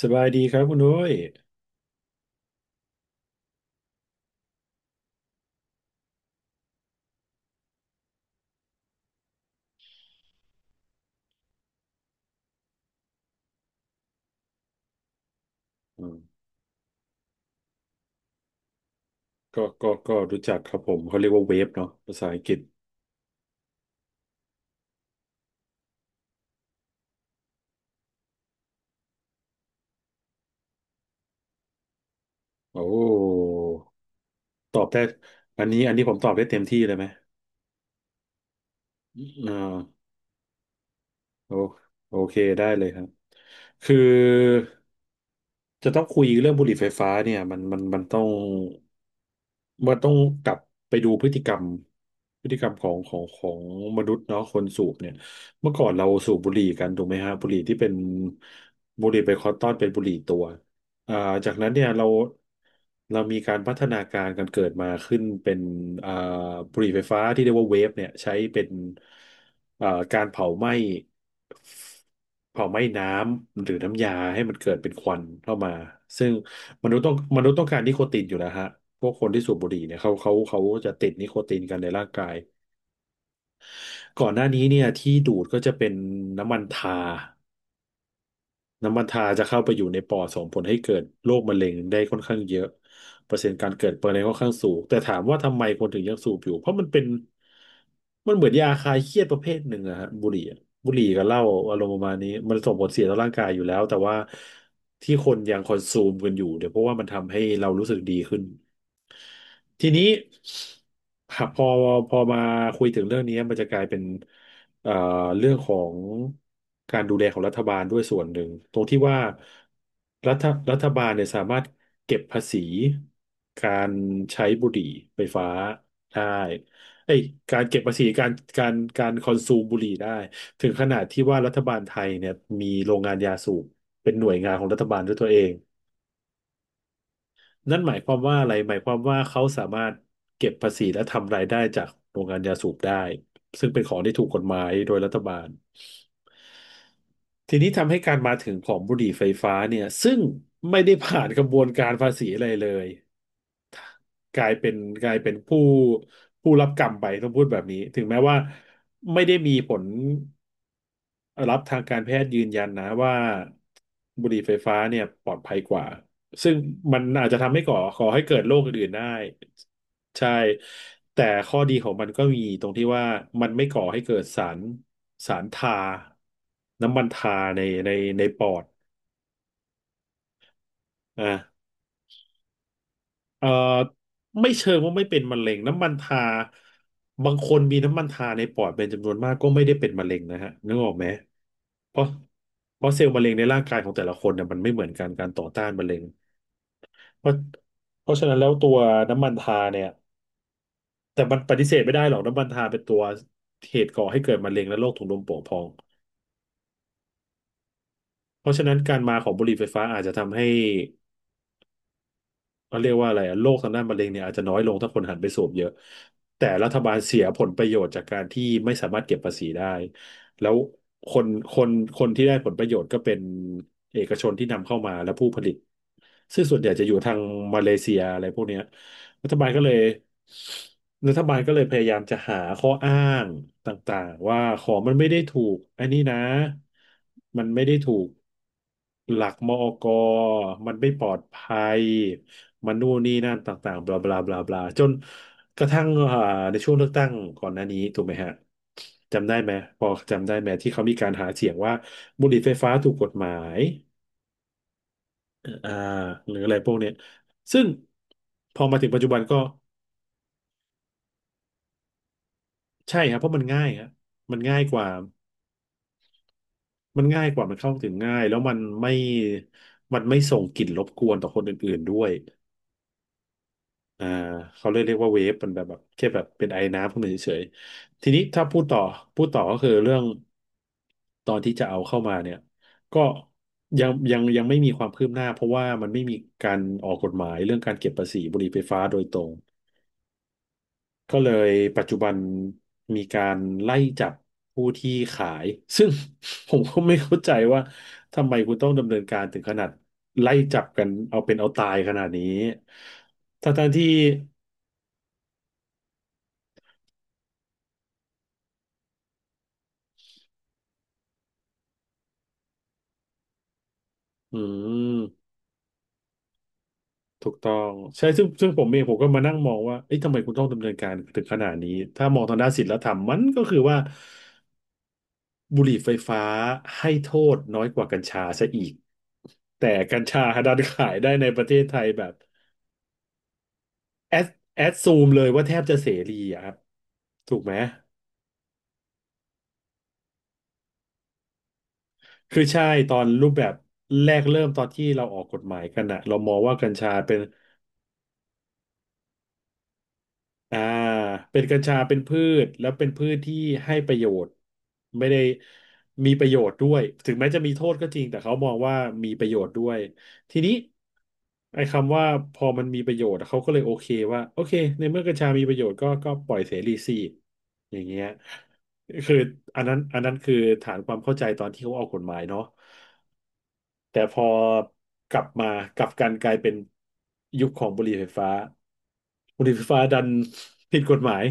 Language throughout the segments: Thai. สบายดีครับคุณนุ้ยอืมก็รู้จักครับผม เขาเรียกว่าเวฟเนาะภาษาอังกฤษ โอ้ตอบได้อันนี้ผมตอบได้เต็มที่เลยไหมอ่า โอโอเคได้เลยครับคือจะต้องคุยเรื่องบุหรี่ไฟฟ้าเนี่ยมันต้องมันต้องกลับไปดูพฤติกรรมพฤติกรรมของมนุษย์เนาะคนสูบเนี่ยเมื่อก่อนเราสูบบุหรี่กันถูกไหมฮะบุหรี่ที่เป็นบุหรี่ไบคอนตอนเป็นบุหรี่ตัว อ่าจากนั้นเนี่ยเรามีการพัฒนาการกันเกิดมาขึ้นเป็นอ่าบุหรี่ไฟฟ้าที่เรียกว่าเวฟเนี่ยใช้เป็นอ่าการเผาไหม้เผาไหม้น้ำหรือน้ำยาให้มันเกิดเป็นควันเข้ามาซึ่งมนุษย์ต้องการนิโคตินอยู่แล้วฮะพวกคนที่สูบบุหรี่เนี่ยเขาจะติดนิโคตินกันในร่างกายก่อนหน้านี้เนี่ยที่ดูดก็จะเป็นน้ำมันทา น้ำมันทาจะเข้าไปอยู่ในปอดส่งผลให้เกิดโรคมะเร็งได้ค่อนข้างเยอะเปอร์เซ็นต์การเกิดมะเร็งค่อนข้างสูงแต่ถามว่าทำไมคนถึงยังสูบอยู่เพราะมันเป็นมันเหมือนยาคลายเครียดประเภทหนึ่งอะฮะบุหรี่อะบุหรี่กับเหล้าอารมณ์ประมาณนี้มันส่งผลเสียต่อร่างกายอยู่แล้วแต่ว่าที่คนยังคอนซูมกันอยู่เดี๋ยวเพราะว่ามันทำให้เรารู้สึกดีขึ้นทีนี้ครับพอมาคุยถึงเรื่องนี้มันจะกลายเป็น เอ่อเรื่องของการดูแลของรัฐบาลด้วยส่วนหนึ่งตรงที่ว่ารัฐรัฐบาลเนี่ยสามารถเก็บภาษีการใช้บุหรี่ไฟฟ้าได้เอ้ยการเก็บภาษีการคอนซูมบุหรี่ได้ถึงขนาดที่ว่ารัฐบาลไทยเนี่ยมีโรงงานยาสูบเป็นหน่วยงานของรัฐบาลด้วยตัวเอง นั่นหมายความว่าอะไรหมายความว่าเขาสามารถเก็บภาษีและทำรายได้จากโรงงานยาสูบได้ซึ่งเป็นของที่ถูกกฎหมายโดยรัฐบาลทีนี้ทำให้การมาถึงของบุหรี่ไฟฟ้าเนี่ยซึ่งไม่ได้ผ่านกระบวนการภาษีอะไรเลยกลายเป็นกลายเป็นผู้รับกรรมไปต้องพูดแบบนี้ถึงแม้ว่าไม่ได้มีผลรับทางการแพทย์ยืนยันนะว่าบุหรี่ไฟฟ้าเนี่ยปลอดภัยกว่า ซึ่งมันอาจจะทำให้ก่อให้เกิดโรคอื่นๆได้ใช่แต่ข้อดีของมันก็มีตรงที่ว่ามันไม่ก่อให้เกิดสารสารทาน้ำมันทาในในปอดอ่ะเอ่อไม่เชิงว่าไม่เป็นมะเร็งน้ำมันทาบางคนมีน้ำมันทาในปอดเป็นจำนวนมากก็ไม่ได้เป็นมะเร็งนะฮะนึกออกไหมเพราะเพราะเซลล์มะเร็งในร่างกายของแต่ละคนเนี่ยมันไม่เหมือนกันการต่อต้านมะเร็งเพราะเพราะฉะนั้นแล้วตัวน้ำมันทาเนี่ย แต่มันปฏิเสธไม่ได้หรอกน้ำมันทาเป็นตัวเหตุก่อให้เกิดมะเร็งและโรคถุงลมโป่งพอง เพราะฉะนั้นการมาของบุหรี่ไฟฟ้าอาจจะทำให้เขาเรียกว่าอะไรอะโรคทางด้านมะเร็งเนี่ยอาจจะน้อยลงถ้าคนหันไปสูบเยอะแต่รัฐบาลเสียผลประโยชน์จากการที่ไม่สามารถเก็บภาษีได้แล้วคนคนคนที่ได้ผลประโยชน์ก็เป็นเอกชนที่นำเข้ามาและผู้ผลิตซึ่งส่วนใหญ่จะอยู่ทางมาเลเซียอะไรพวกเนี้ย รัฐบาลก็เลยรัฐบาลก็เลยพยายามจะหาข้ออ้างต่างๆว่าของมันไม่ได้ถูกอันนี้นะมันไม่ได้ถูกหลักมอกมันไม่ปลอดภัยมันนู่นนี่นั่นต่างๆบลาบลาบลาบลาจนกระทั่งในช่วงเลือกตั้งก่อนหน้านี้ถูกไหมฮะจำได้ไหมพอจำได้ไหมที่เขามีการหาเสียงว่าบุหรี่ไฟฟ้าถูกกฎหมายอ่าหรืออะไรพวกเนี้ยซึ่งพอมาถึงปัจจุบันก็ ใช่ครับเพราะมันง่ายครับมันง่ายกว่ามันเข้าถึงง่ายแล้วมันไม่ส่งกลิ่นรบกวนต่อคนอื่นๆด้วยอ่าเขาเลยเรียกว่าเวฟมันแบบแค่แบบเป็นไอน้ำขึ้นมาเฉยๆทีนี้ถ้าพูดต่อพูดต่อก็คือเรื่องตอนที่จะเอาเข้ามาเนี่ยก็ยังไม่มีความคืบหน้าเพราะว่ามันไม่มีการออกกฎหมายเรื่องการเก็บภาษีบุหรี่ไฟฟ้าโดยตรง ก็เลยปัจจุบันมีการไล่จับผู้ที่ขายซึ่ง ผมก็ไม่เข้าใจว่าทำไมคุณต้องดำเนินการถึงขนาดไล่จับกันเอาเป็นเอาตายขนาดนี้ทั้งๆที่อืมถูกต้องใช่ซึ่งผมเองผมก็มานั่งมองว่าเอ๊ะทำไมคุณต้องดำเนินการถึงขนาดนี้ถ้ามองทางด้านศีลธรรมมันก็คือว่าบุหรี่ไฟฟ้าให้โทษน้อยกว่ากัญชาซะอีกแต่กัญชาดันขายได้ในประเทศไทยแบบ แอดแอดซูมเลยว่าแทบจะเสรีอะครับถูกไหมคือใช่ตอนรูปแบบแรกเริ่มตอนที่เราออกกฎหมายกันอะเรามองว่ากัญชาเป็น อ่าเป็นกัญชาเป็นพืชแล้วเป็นพืชที่ให้ประโยชน์ไม่ได้มีประโยชน์ด้วยถึงแม้จะมีโทษก็จริงแต่เขามองว่ามีประโยชน์ด้วยทีนี้ไอ้คำว่าพอมันมีประโยชน์เขาก็เลยโอเคว่าโอเคในเมื่อกัญชามีประโยชน์ก็ปล่อยเสรีสิอย่างเงี้ยคืออันนั้นคือฐานความเข้าใจตอนที่เขาออกกฎหมายเนาะแต่พอกลับมากลับกันกลายเป็นยุคของบุหรี่ไฟฟ้า บุหรี่ไฟฟ้าดันผิดกฎหมาย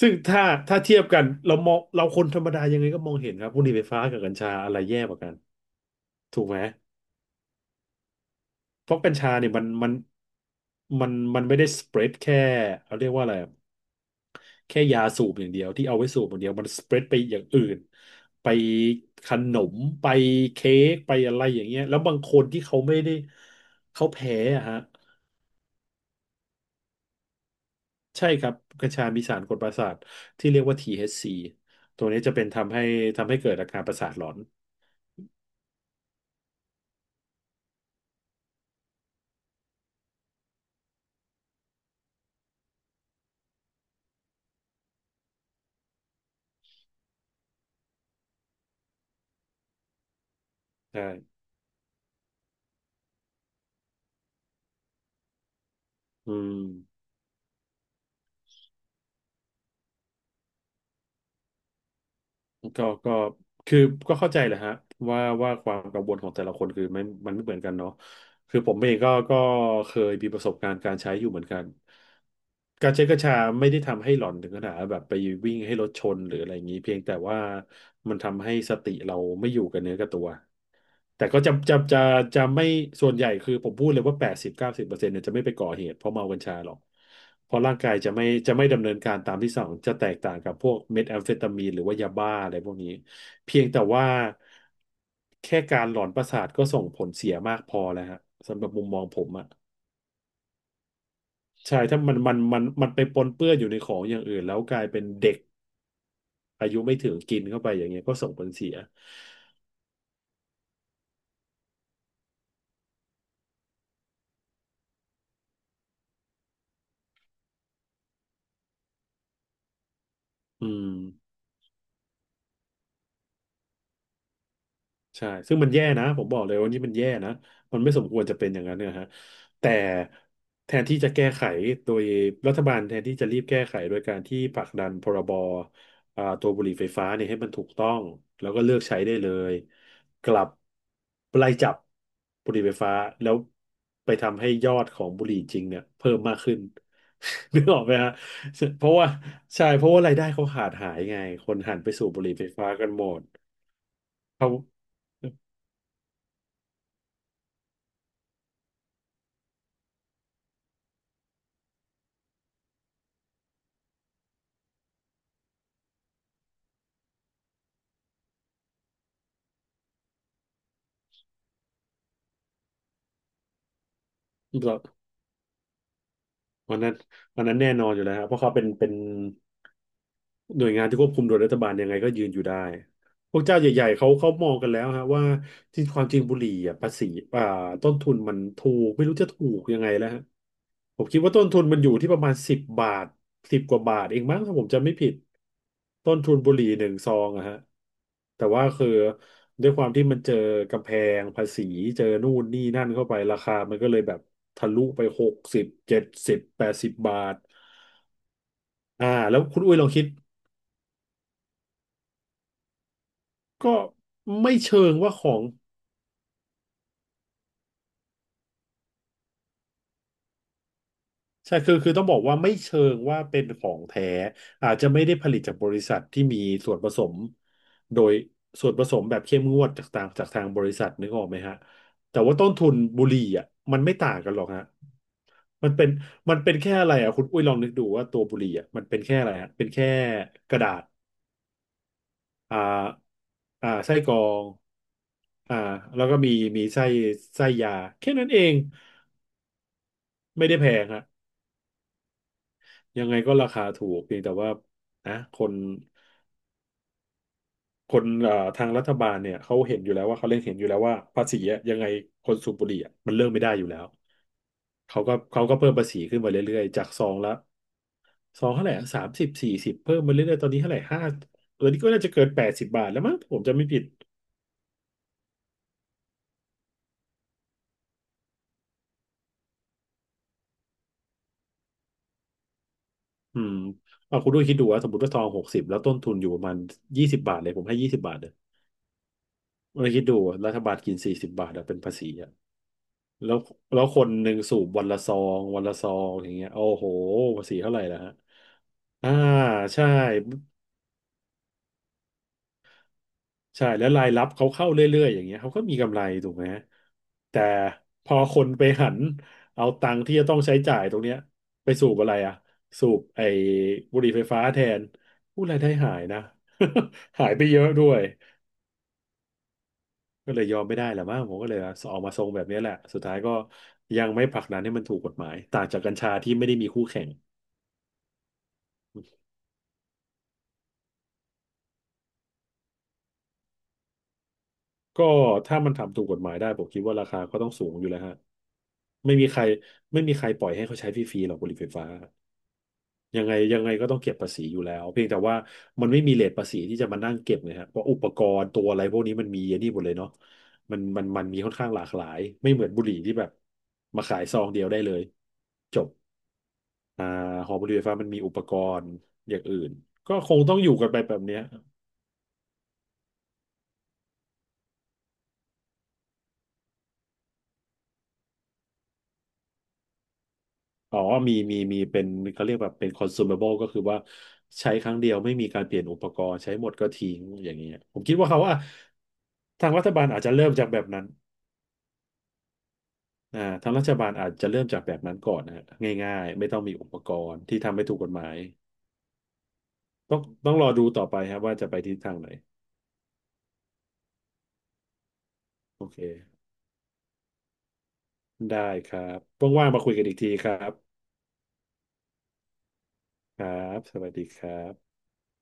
ซึ่งถ้าเทียบกันเรามองเราคนธรรมดายังไงก็มองเห็นครับบุหรี่ไฟฟ้ากับกัญชาอะไรแย่กว่ากันถูกไหมเพราะกัญชาเนี่ยมันไม่ได้สเปรดแค่เขาเรียกว่าอะไรอะแค่ยาสูบอย่างเดียวที่เอาไว้สูบอย่างเดียวมันสเปรดไปอย่างอื่นไปขนมไปเค้กไปอะไรอย่างเงี้ยแล้วบางคนที่เขาไม่ได้เขาแพ้อะฮะ ใช่ครับกัญชามีสารกดประสาทที่เรียกว่า THC ตัวนี้จะเป็นทำให้เกิดอาการประสาทหลอนใช่อืมก็คือก็เข้าใจแหละฮะว่าความกังวลของแต่ละคนคือมันไม่เหมือนกันเนาะ คือผมเองก็เคยมีประสบการณ์การใช้อยู่เหมือนกัน การใช้กัญชาไม่ได้ทำให้หลอนถึงขนาดแบบไปวิ่งให้รถชนหรืออะไรอย่างนี้เพียงแต่ว่ามันทำให้สติเราไม่อยู่กับเนื้อกับตัวแต่ก็จะไม่ส่วนใหญ่คือผมพูดเลยว่า80 90%เนี่ยจะไม่ไปก่อเหตุเพราะเมากัญชาหรอกเพราะร่างกายจะไม่ดำเนินการตามที่สั่งจะแตกต่างกับพวกเมทแอมเฟตามีนหรือว่ายาบ้าอะไรพวกนี้เพียงแต่ว่า แค่การหลอนประสาทก็ส่งผลเสียมากพอแล้วฮะสำหรับมุมมองผมอ่ะใช่ถ้ามันไปปนเปื้อนอยู่ในของอย่างอื่นแล้วกลายเป็นเด็กอายุไม่ถึงกินเข้าไปอย่างเงี้ยก็ส่งผลเสียอืม ใช่ซึ่งมันแย่นะผมบอกเลยว่านี่มันแย่นะมันไม่สมควรจะเป็นอย่างนั้นนะฮะแต่แทนที่จะแก้ไขโดยรัฐบาลแทนที่จะรีบแก้ไขโดยการที่ผลักดันพรบตัวบุหรี่ไฟฟ้าเนี่ยให้มันถูกต้อง แล้วก็เลิกใช้ได้เลยกลับไล่จับบุหรี่ไฟฟ้าแล้วไปทำให้ยอดของบุหรี่จริงเนี่ยเพิ่มมากขึ้น นึกออกไหมฮะเพราะว่าใช่เพราะว่ารายได้เขาขาดหายไงคนหันไปสูบบุหรี่ไฟฟ้ากันหมดเขา เราวันนั้นวันนั้นแน่นอนอยู่แล้วครับเพราะเขาเป็น หน่วยงานที่ควบคุมโดยรัฐบาลยังไงก็ยืนอยู่ได้พวกเจ้าใหญ่ๆเขามองกันแล้วฮะว่าที่ความจริงบุหรี่อ่ะภาษีอ่าต้นทุนมันถูกไม่รู้จะถูกยังไงแล้วฮะผมคิดว่าต้นทุนมันอยู่ที่ประมาณสิบบาท10 กว่าบาทเองมั้งถ้าผมจำไม่ผิดต้นทุนบุหรี่หนึ่งซองอะฮะแต่ว่าคือด้วยความที่มันเจอกำแพงภาษีเจอนู่นนี่นั่นเข้าไปราคามันก็เลยแบบทะลุไป60 70 80 บาทแล้วคุณอุ้ยลองคิด ก็ไม่เชิงว่าของใช่คือคือต้องบอกว่าไม่เชิงว่าเป็นของแท้อาจจะไม่ได้ผลิตจากบริษัทที่มีส่วนผสมโดยส่วนผสมแบบเข้มงวดจากทางบริษัทนึกออกไหมฮะแต่ว่าต้นทุนบุหรี่อ่ะมันไม่ต่างกันหรอกฮะมันเป็นมันเป็นแค่อะไรอ่ะคุณอุ้ยลองนึกดูว่าตัวบุหรี่อ่ะมันเป็นแค่อะไรฮะเป็นแค่กระดาษอ่าไส้กรองอ่าแล้วก็มีไส้ยาแค่นั้นเองไม่ได้แพงฮะ ยังไงก็ราคาถูกเพียงแต่ว่านะคนคนเอ่อทางรัฐบาลเนี่ยเขาเห็นอยู่แล้วว่าเขาเล่นเห็นอยู่แล้วว่าภาษีอะยังไงคนสูบบุหรี่อะมันเลิกไม่ได้อยู่แล้วเขาก็เพิ่มภาษีขึ้นมาเรื่อยๆจากซองละซองเท่าไหร่30สี่สิบเพิ่มมาเรื่อยๆตอนนี้เท่าไหร่ตอนนี้ก็น่าจะเกิน80 บาทแล้วมั้งผมจะไม่ผิดอืมเอาคุณด้วยคิดดูว่าสมมติว่าซอง60แล้วต้นทุนอยู่ประมาณยี่สิบบาทเลยผมให้ยี่สิบบาทเลยเราคิดดูอะรัฐบาลกิน40 บาทอะเป็นภาษีอะ แล้วแล้วคนหนึ่งสูบวันละซองวันละซองอย่างเงี้ยโอ้โหภาษีเท่าไหร่ล่ะฮะอ่าใช่ใช่แล้วรายรับเขาเข้าเรื่อยๆอย่างเงี้ยเขาก็มีกำไรถูกไหมแต่พอคนไปหันเอาตังค์ที่จะต้องใช้จ่ายตรงเนี้ยไปสูบอะไรอ่ะสูบไอ้บุหรี่ไฟฟ้าแทนผู้รายได้หายนะ หายไปเยอะด้วยก็เลยยอมไม่ได้แหละมั้งผมก็เลยออกมาทรงแบบนี้แหละสุดท้ายก็ยังไม่ผลักดันให้มันถูกกฎหมายต่างจากกัญชาที่ไม่ได้มีคู่แข่ง ก็ถ้ามันทำถูกกฎหมายได้ผมคิดว่าราคาก็ต้องสูงอยู่แล้วฮะไม่มีใครไม่มีใครปล่อยให้เขาใช้ฟรีๆหรอกบุหรี่ไฟฟ้ายังไงยังไงก็ต้องเก็บภาษีอยู่แล้วเพียงแต่ว่ามันไม่มีเรทภาษีที่จะมานั่งเก็บเลยฮะเพราะอุปกรณ์ตัวอะไรพวกนี้มันมีเยอะนี่หมดเลยเนาะมันมีค่อนข้างหลากหลายไม่เหมือนบุหรี่ที่แบบมาขายซองเดียวได้เลยจบอ่าหอบุหรี่ไฟฟ้ามันมีอุปกรณ์อย่างอื่นก็คงต้องอยู่กันไปแบบเนี้ย อ๋อมีเป็นเขาเรียกแบบเป็น consumable ก็คือว่าใช้ครั้งเดียวไม่มีการเปลี่ยนอุปกรณ์ใช้หมดก็ทิ้งอย่างเงี้ยผมคิดว่าเขาว่าทางรัฐบาลอาจจะเริ่มจากแบบนั้นอ่าทางรัฐบาลอาจจะเริ่มจากแบบนั้นก่อนนะฮะง่ายๆไม่ต้องมีอุปกรณ์ที่ทำให้ถูกกฎหมายต้องรอดูต่อไปครับว่าจะไปทิศทางไหนโอเคได้ครับว่างๆมาคุยกันอีกทีครับครับสวัสดีครับ